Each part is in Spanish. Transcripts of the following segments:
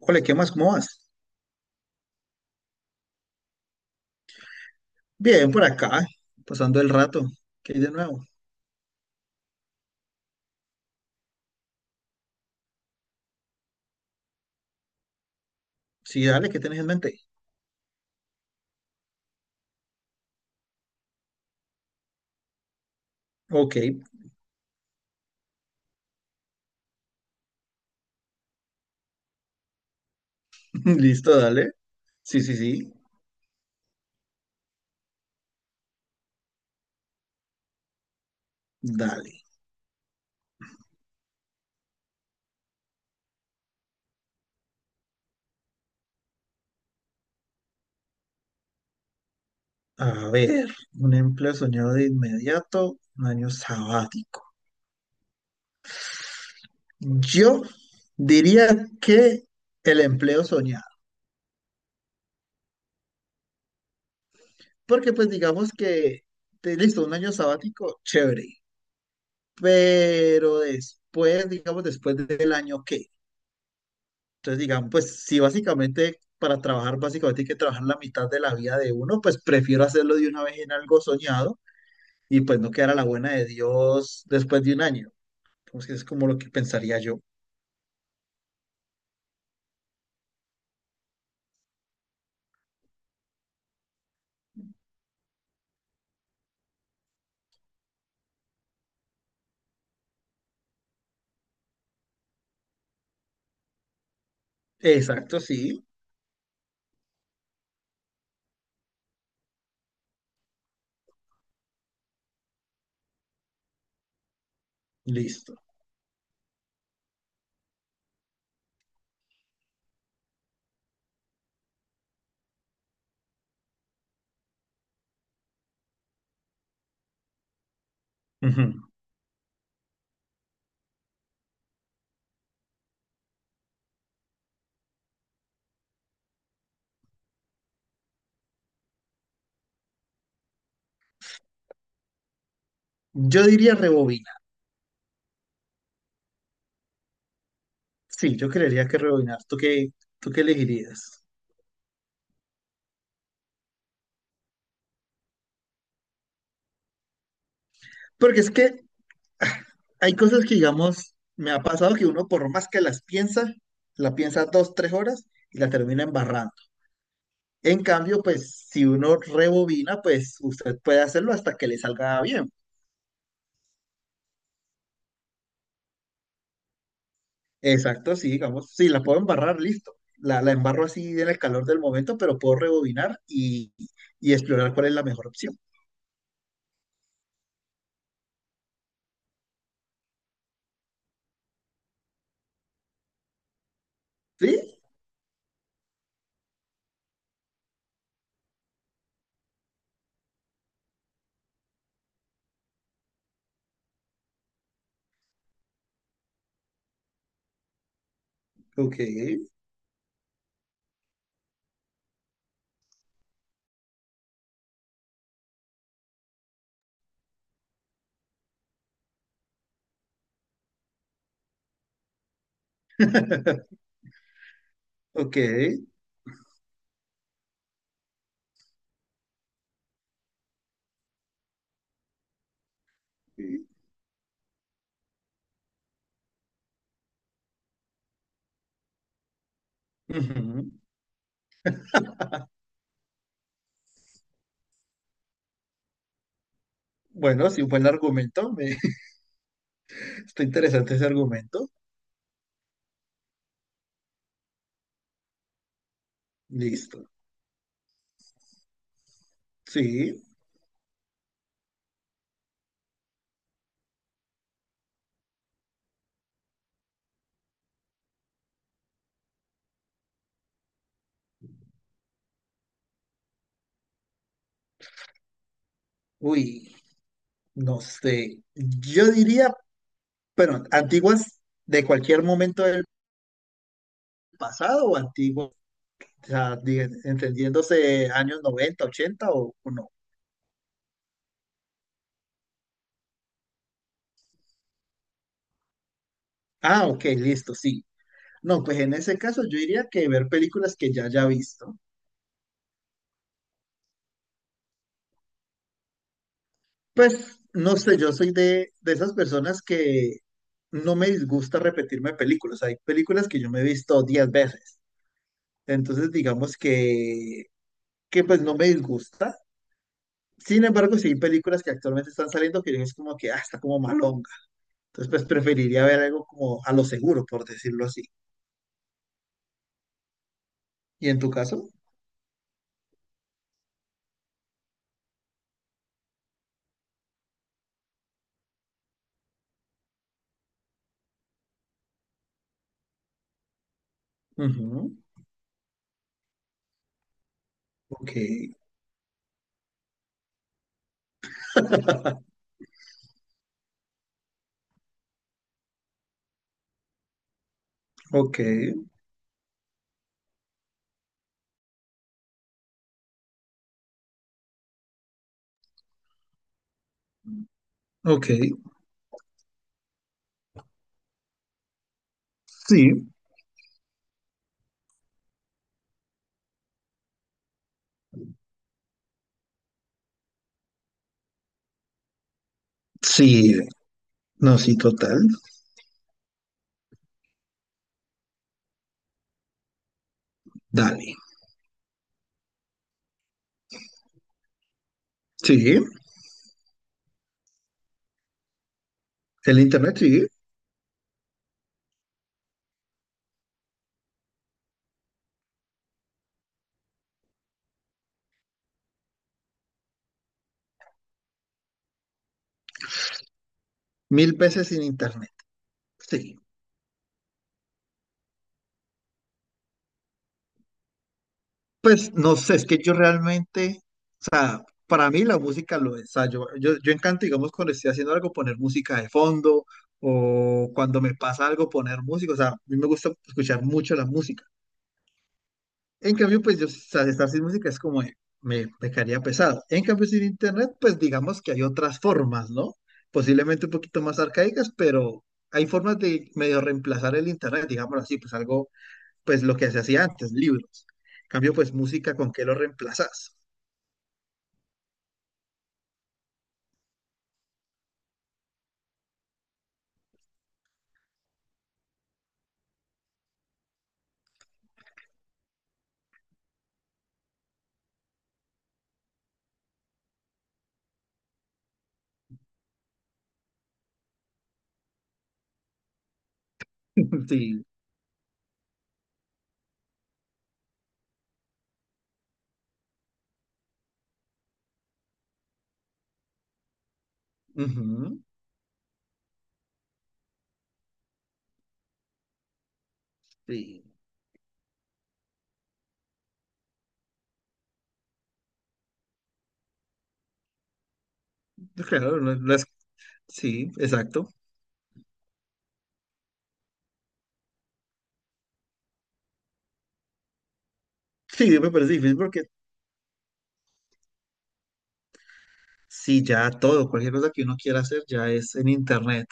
Ole, ¿qué más? ¿Cómo vas? Bien, por acá, pasando el rato. ¿Qué hay de nuevo? Sí, dale, ¿qué tenés en mente? Ok, listo, dale. Sí, sí, sí, dale. A ver, un empleo soñado de inmediato, un año sabático. Yo diría que el empleo soñado, porque pues digamos que, listo, un año sabático, chévere, pero después, digamos, después del año, ¿qué? Entonces, digamos, pues si básicamente para trabajar, básicamente hay que trabajar la mitad de la vida de uno, pues prefiero hacerlo de una vez en algo soñado y pues no quedar a la buena de Dios después de un año. Entonces, es como lo que pensaría yo. Exacto, sí, listo. Ujú. Yo diría rebobinar. Sí, yo creería que rebobinar. ¿Tú qué elegirías? Porque es que ah, hay cosas que, digamos, me ha pasado que uno por más que las piensa, la piensa dos, tres horas y la termina embarrando. En cambio, pues si uno rebobina, pues usted puede hacerlo hasta que le salga bien. Exacto, sí, digamos, si la puedo embarrar, listo. La embarro así en el calor del momento, pero puedo rebobinar y explorar cuál es la mejor opción. ¿Sí? Ok, ok. Sí. Ujú. Bueno, sí, un buen argumento. Me, está interesante ese argumento. Listo. Sí. Uy, no sé. Yo diría, pero antiguas de cualquier momento del pasado o antiguas. O sea, entendiéndose años 90 80 o no. Ah, ok, listo, sí. No, pues en ese caso yo diría que ver películas que ya haya visto. Pues no sé, yo soy de esas personas que no me disgusta repetirme películas. Hay películas que yo me he visto 10 veces. Entonces digamos que pues no me disgusta. Sin embargo, sí hay películas que actualmente están saliendo que yo es como que, ah, está como malonga. Entonces, pues preferiría ver algo como a lo seguro, por decirlo así. ¿Y en tu caso? Ujú. Ok, ok, ok. Sí, sí, no, sí, total. Dale. Sí, el internet, sí. Mil veces sin internet. Sí. Pues no sé, es que yo realmente, o sea, para mí la música lo es. O sea, yo encanto, digamos, cuando estoy haciendo algo, poner música de fondo o cuando me pasa algo, poner música. O sea, a mí me gusta escuchar mucho la música. En cambio, pues yo o sea, estar sin música es como me pecaría pesado. En cambio, sin internet, pues digamos que hay otras formas, ¿no? Posiblemente un poquito más arcaicas, pero hay formas de medio reemplazar el internet, digámoslo así, pues algo, pues lo que se hacía antes, libros. En cambio, pues música, ¿con qué lo reemplazas? Sí, ujú, sí, claro, no es- sí, exacto. Sí, me parece difícil porque sí, ya todo, cualquier cosa que uno quiera hacer ya es en internet.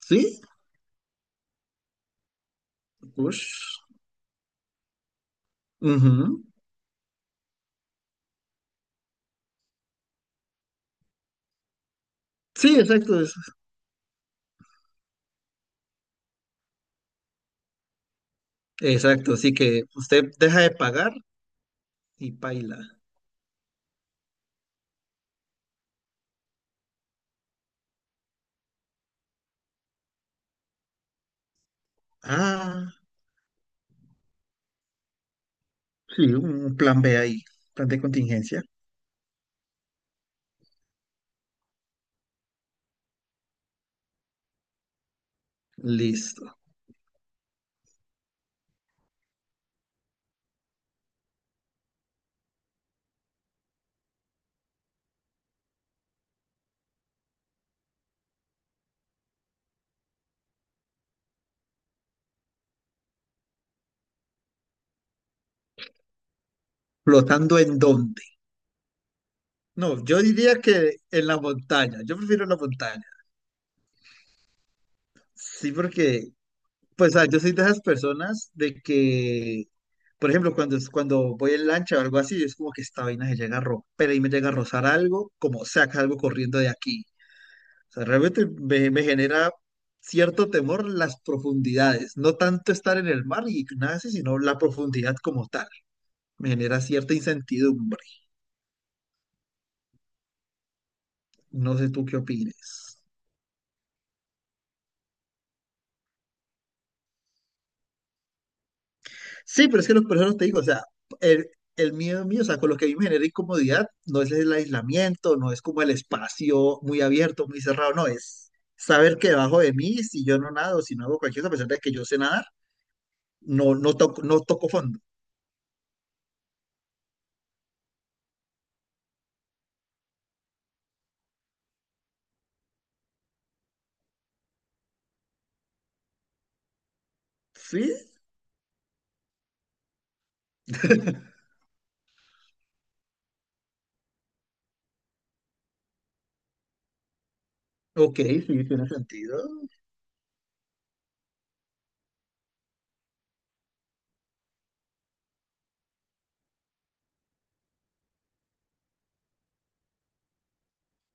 Sí, ush, ujú. Sí, exacto, es- exacto. Así que usted deja de pagar y paila. Ah, sí, un plan B ahí, plan de contingencia. Listo. ¿Flotando en dónde? No, yo diría que en la montaña. Yo prefiero la montaña. Sí, porque, pues, ah, yo soy de esas personas de que, por ejemplo, cuando, cuando voy en lancha o algo así, es como que esta vaina se llega a romper y me llega a rozar algo, como saca algo corriendo de aquí. Sea, realmente me, me genera cierto temor las profundidades, no tanto estar en el mar y nace, sino la profundidad como tal. Me genera cierta incertidumbre. No sé tú qué opines. Sí, pero es que los personas te digo, o sea, el, el miedo mío, o sea, con lo que a mí me genera incomodidad, no es el aislamiento, no es como el espacio muy abierto, muy cerrado, no, es saber que debajo de mí, si yo no nado, si no hago cualquier cosa, a pesar de que yo sé nadar, no, no toco, no toco fondo. Sí, ok, sí, tiene sentido.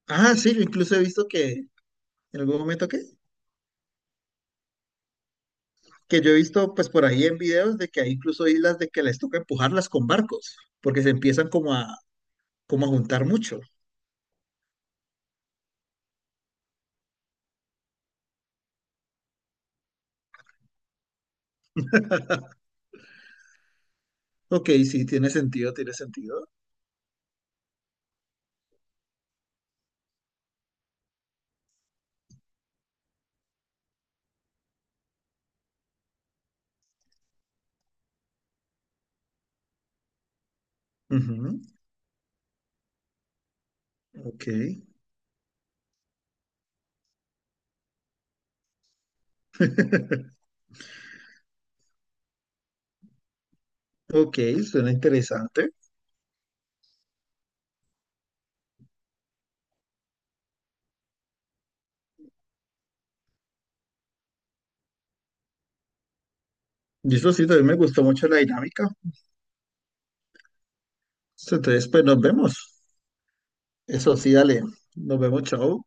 Ah, sí, yo incluso he visto que en algún momento que yo he visto pues por ahí en videos de que hay incluso islas de que les toca empujarlas con barcos, porque se empiezan como a, como a juntar mucho. Ok, sí, tiene sentido, tiene sentido. Ujú, ok. Ok, suena interesante. Y eso sí, también me gustó mucho la dinámica. Entonces, pues nos vemos. Eso sí, dale. Nos vemos, chao.